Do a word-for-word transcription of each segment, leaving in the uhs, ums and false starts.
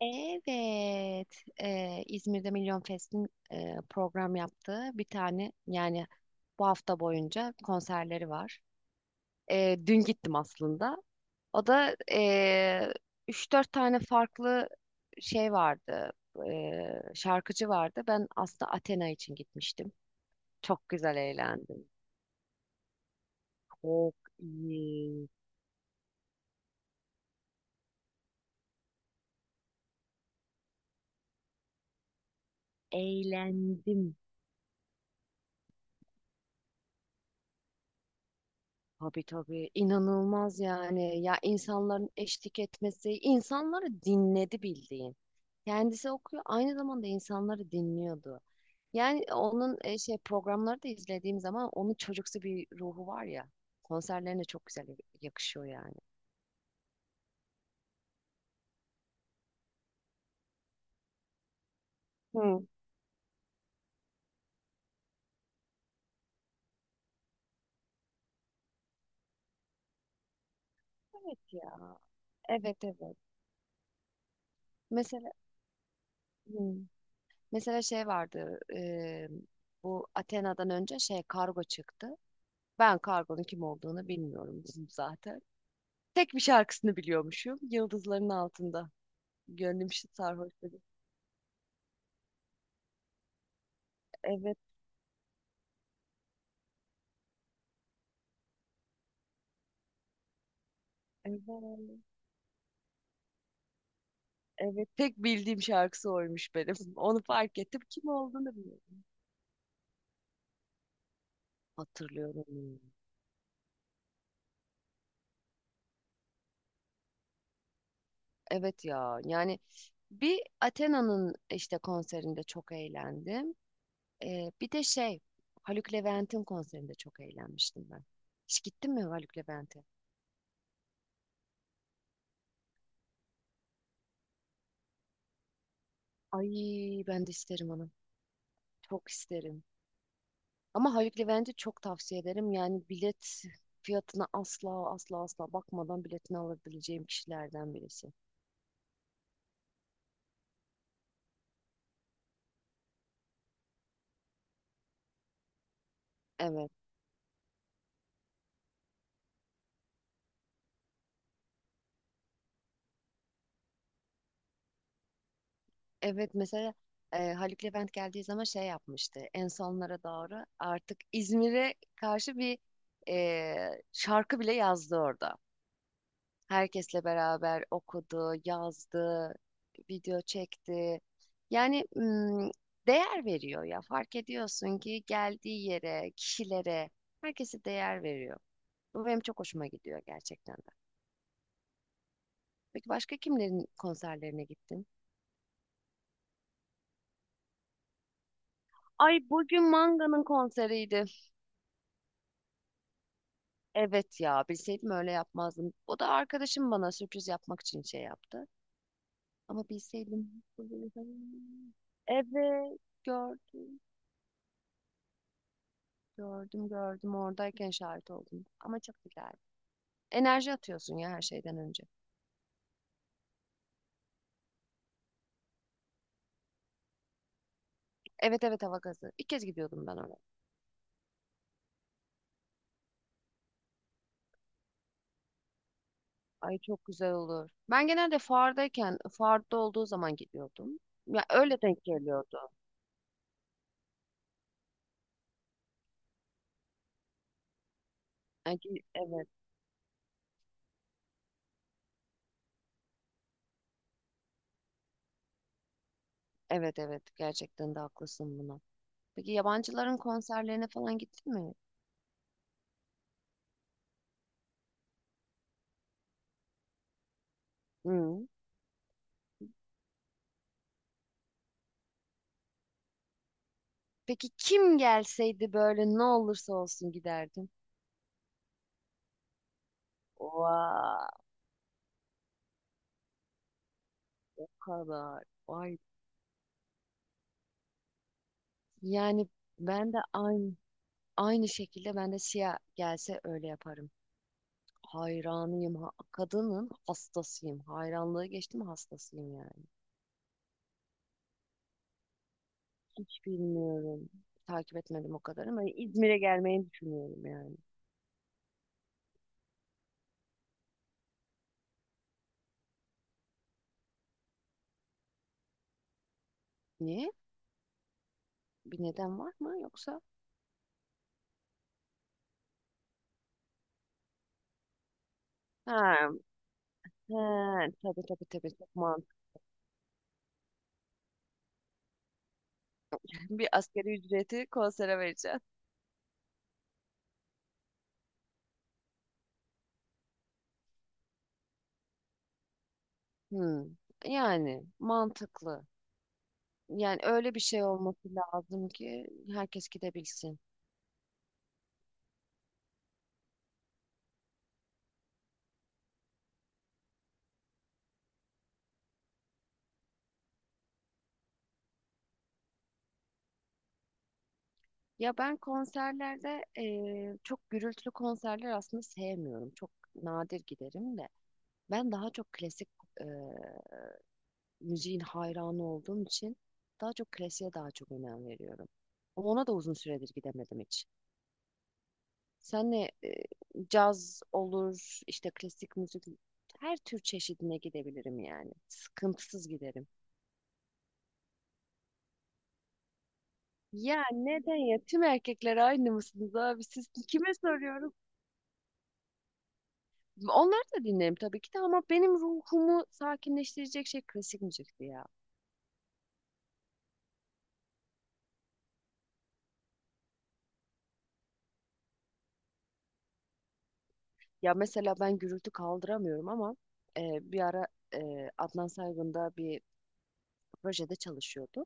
Evet, e, İzmir'de Milyon Fest'in e, program yaptığı bir tane yani bu hafta boyunca konserleri var. E, dün gittim aslında. O da e, üç dört tane farklı şey vardı, e, şarkıcı vardı. Ben aslında Athena için gitmiştim. Çok güzel eğlendim. Çok iyi. Eğlendim. Tabii tabii, inanılmaz yani, ya insanların eşlik etmesi, insanları dinledi bildiğin. Kendisi okuyor, aynı zamanda insanları dinliyordu. Yani onun e, şey programları da izlediğim zaman onun çocuksu bir ruhu var ya, konserlerine çok güzel yakışıyor yani. Hı. Evet ya. Evet, evet. Mesela hmm, mesela şey vardı. e, bu Athena'dan önce şey kargo çıktı. Ben kargonun kim olduğunu bilmiyorum zaten. Tek bir şarkısını biliyormuşum. Yıldızların altında. Gönlüm şu sarhoş dedi. Evet, evet. Evet, tek bildiğim şarkısı oymuş benim. Onu fark ettim. Kim olduğunu bilmiyorum. Hatırlıyorum. Evet ya. Yani bir Athena'nın işte konserinde çok eğlendim. Ee, bir de şey Haluk Levent'in konserinde çok eğlenmiştim ben. Hiç gittin mi Haluk Levent'e? Ay, ben de isterim onu. Çok isterim. Ama Haluk Levent'i çok tavsiye ederim. Yani bilet fiyatına asla asla asla bakmadan biletini alabileceğim kişilerden birisi. Evet. Evet mesela e, Haluk Levent geldiği zaman şey yapmıştı. En sonlara doğru artık İzmir'e karşı bir e, şarkı bile yazdı orada. Herkesle beraber okudu, yazdı, video çekti. Yani mm, değer veriyor ya. Fark ediyorsun ki geldiği yere, kişilere, herkese değer veriyor. Bu benim çok hoşuma gidiyor gerçekten de. Peki başka kimlerin konserlerine gittin? Ay, hmm. Bugün Manga'nın konseriydi. Evet ya, bilseydim öyle yapmazdım. O da arkadaşım bana sürpriz yapmak için şey yaptı. Ama bilseydim. Evet, gördüm. Gördüm, gördüm, oradayken şahit oldum. Ama çok güzeldi. Enerji atıyorsun ya, her şeyden önce. Evet, evet, hava gazı. İlk kez gidiyordum ben oraya. Ay, çok güzel olur. Ben genelde fuardayken, fuarda olduğu zaman gidiyordum. Ya öyle denk geliyordu. Yani ki- evet, evet, evet. Gerçekten de haklısın buna. Peki yabancıların konserlerine falan gittin mi? Hı. Peki kim gelseydi böyle ne olursa olsun giderdim. Vay, o kadar. Vay. Yani ben de aynı aynı şekilde ben de Siyah gelse öyle yaparım. Hayranıyım. ha- Kadının hastasıyım. Hayranlığı geçtim, hastasıyım yani. Hiç bilmiyorum. Takip etmedim o kadar ama İzmir'e gelmeyi düşünüyorum yani. Niye? Bir neden var mı yoksa? Ha, ha, tabii, tabii, tabii, çok mantıklı. Bir asgari ücreti konsere vereceğim. Hmm. Yani mantıklı. Yani öyle bir şey olması lazım ki herkes gidebilsin. Ya ben konserlerde eee, çok gürültülü konserler aslında sevmiyorum. Çok nadir giderim de. Ben daha çok klasik müziğin hayranı olduğum için daha çok klasiğe daha çok önem veriyorum. Ama ona da uzun süredir gidemedim hiç. Senle e, caz olur, işte klasik müzik, her tür çeşidine gidebilirim yani. Sıkıntısız giderim. Ya neden ya? Tüm erkekler aynı mısınız abi? Siz, kime soruyorum? Onları da dinlerim tabii ki de ama benim ruhumu sakinleştirecek şey klasik müzikti ya. Ya mesela ben gürültü kaldıramıyorum ama e, bir ara e, Adnan Saygın'da bir projede çalışıyordu.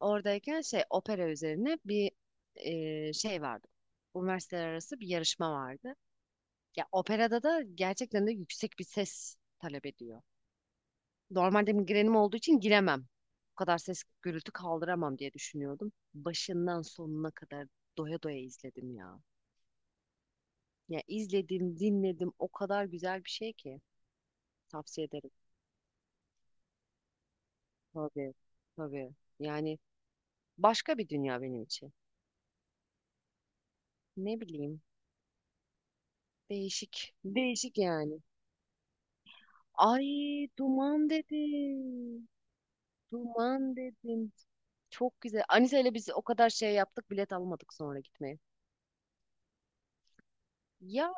Oradayken şey opera üzerine bir e, şey vardı. Üniversiteler arası bir yarışma vardı. Ya operada da gerçekten de yüksek bir ses talep ediyor. Normalde migrenim olduğu için giremem. Bu kadar ses, gürültü kaldıramam diye düşünüyordum. Başından sonuna kadar doya doya izledim ya. Ya izledim, dinledim. O kadar güzel bir şey ki. Tavsiye ederim. Tabii, tabii. Yani başka bir dünya benim için. Ne bileyim. Değişik. Değişik yani. Ay, duman dedim. Duman dedim. Çok güzel. Anise ile biz o kadar şey yaptık, bilet almadık sonra gitmeye. Ya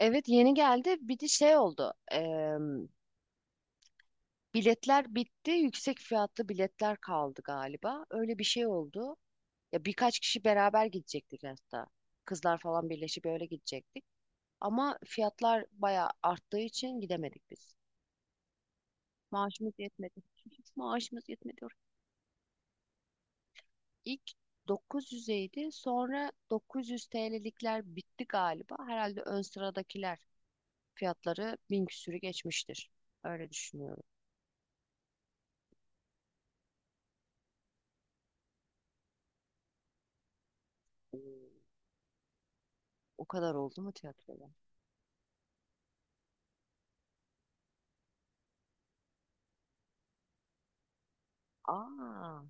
evet, yeni geldi. Bir de şey oldu. Eee, biletler bitti. Yüksek fiyatlı biletler kaldı galiba. Öyle bir şey oldu. Ya birkaç kişi beraber gidecektik hatta. Kızlar falan birleşip öyle gidecektik. Ama fiyatlar bayağı arttığı için gidemedik biz. Maaşımız yetmedi. Maaşımız yetmedi. İlk dokuz yüzeydi. Sonra dokuz yüz T L'likler bitti galiba. Herhalde ön sıradakiler, fiyatları bin küsürü geçmiştir. Öyle düşünüyorum. Oo, o kadar oldu mu tiyatroda? Aa,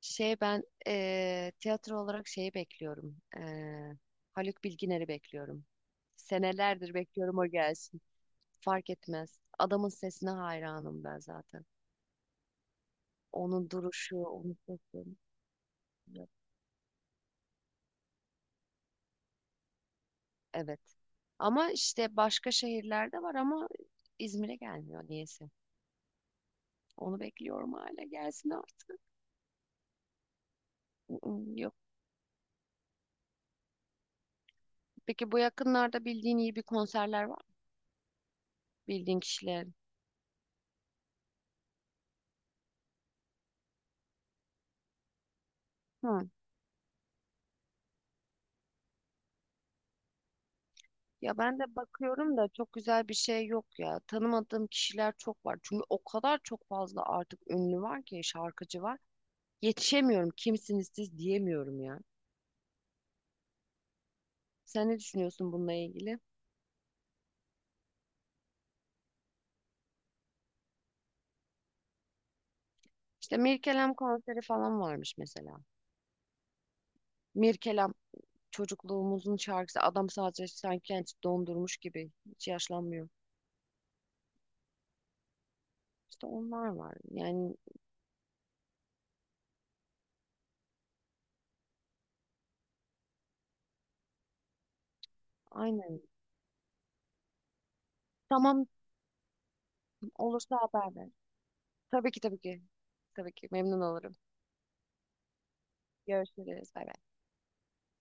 şey, ben eee, tiyatro olarak şeyi bekliyorum. Eee Haluk Bilginer'i bekliyorum. Senelerdir bekliyorum o gelsin. Fark etmez. Adamın sesine hayranım ben zaten. Onun duruşu, onun sesi. Evet. Ama işte başka şehirlerde var ama İzmir'e gelmiyor niyeyse. Onu bekliyorum hala gelsin artık. Mm, Yok. Peki bu yakınlarda bildiğin iyi bir konserler var mı? Bildiğin kişiler. Hı. Ya ben de bakıyorum da çok güzel bir şey yok ya. Tanımadığım kişiler çok var. Çünkü o kadar çok fazla artık ünlü var ki, şarkıcı var. Yetişemiyorum, kimsiniz siz diyemiyorum ya. Sen ne düşünüyorsun bununla ilgili? İşte Mirkelam konseri falan varmış mesela. Mirkelam çocukluğumuzun şarkısı. Adam sadece sanki kendisi dondurmuş gibi. Hiç yaşlanmıyor. İşte onlar var. Yani aynen. Tamam, olursa haber ver. Tabii ki, tabii ki. Tabii ki memnun olurum. Görüşürüz. Bay bay.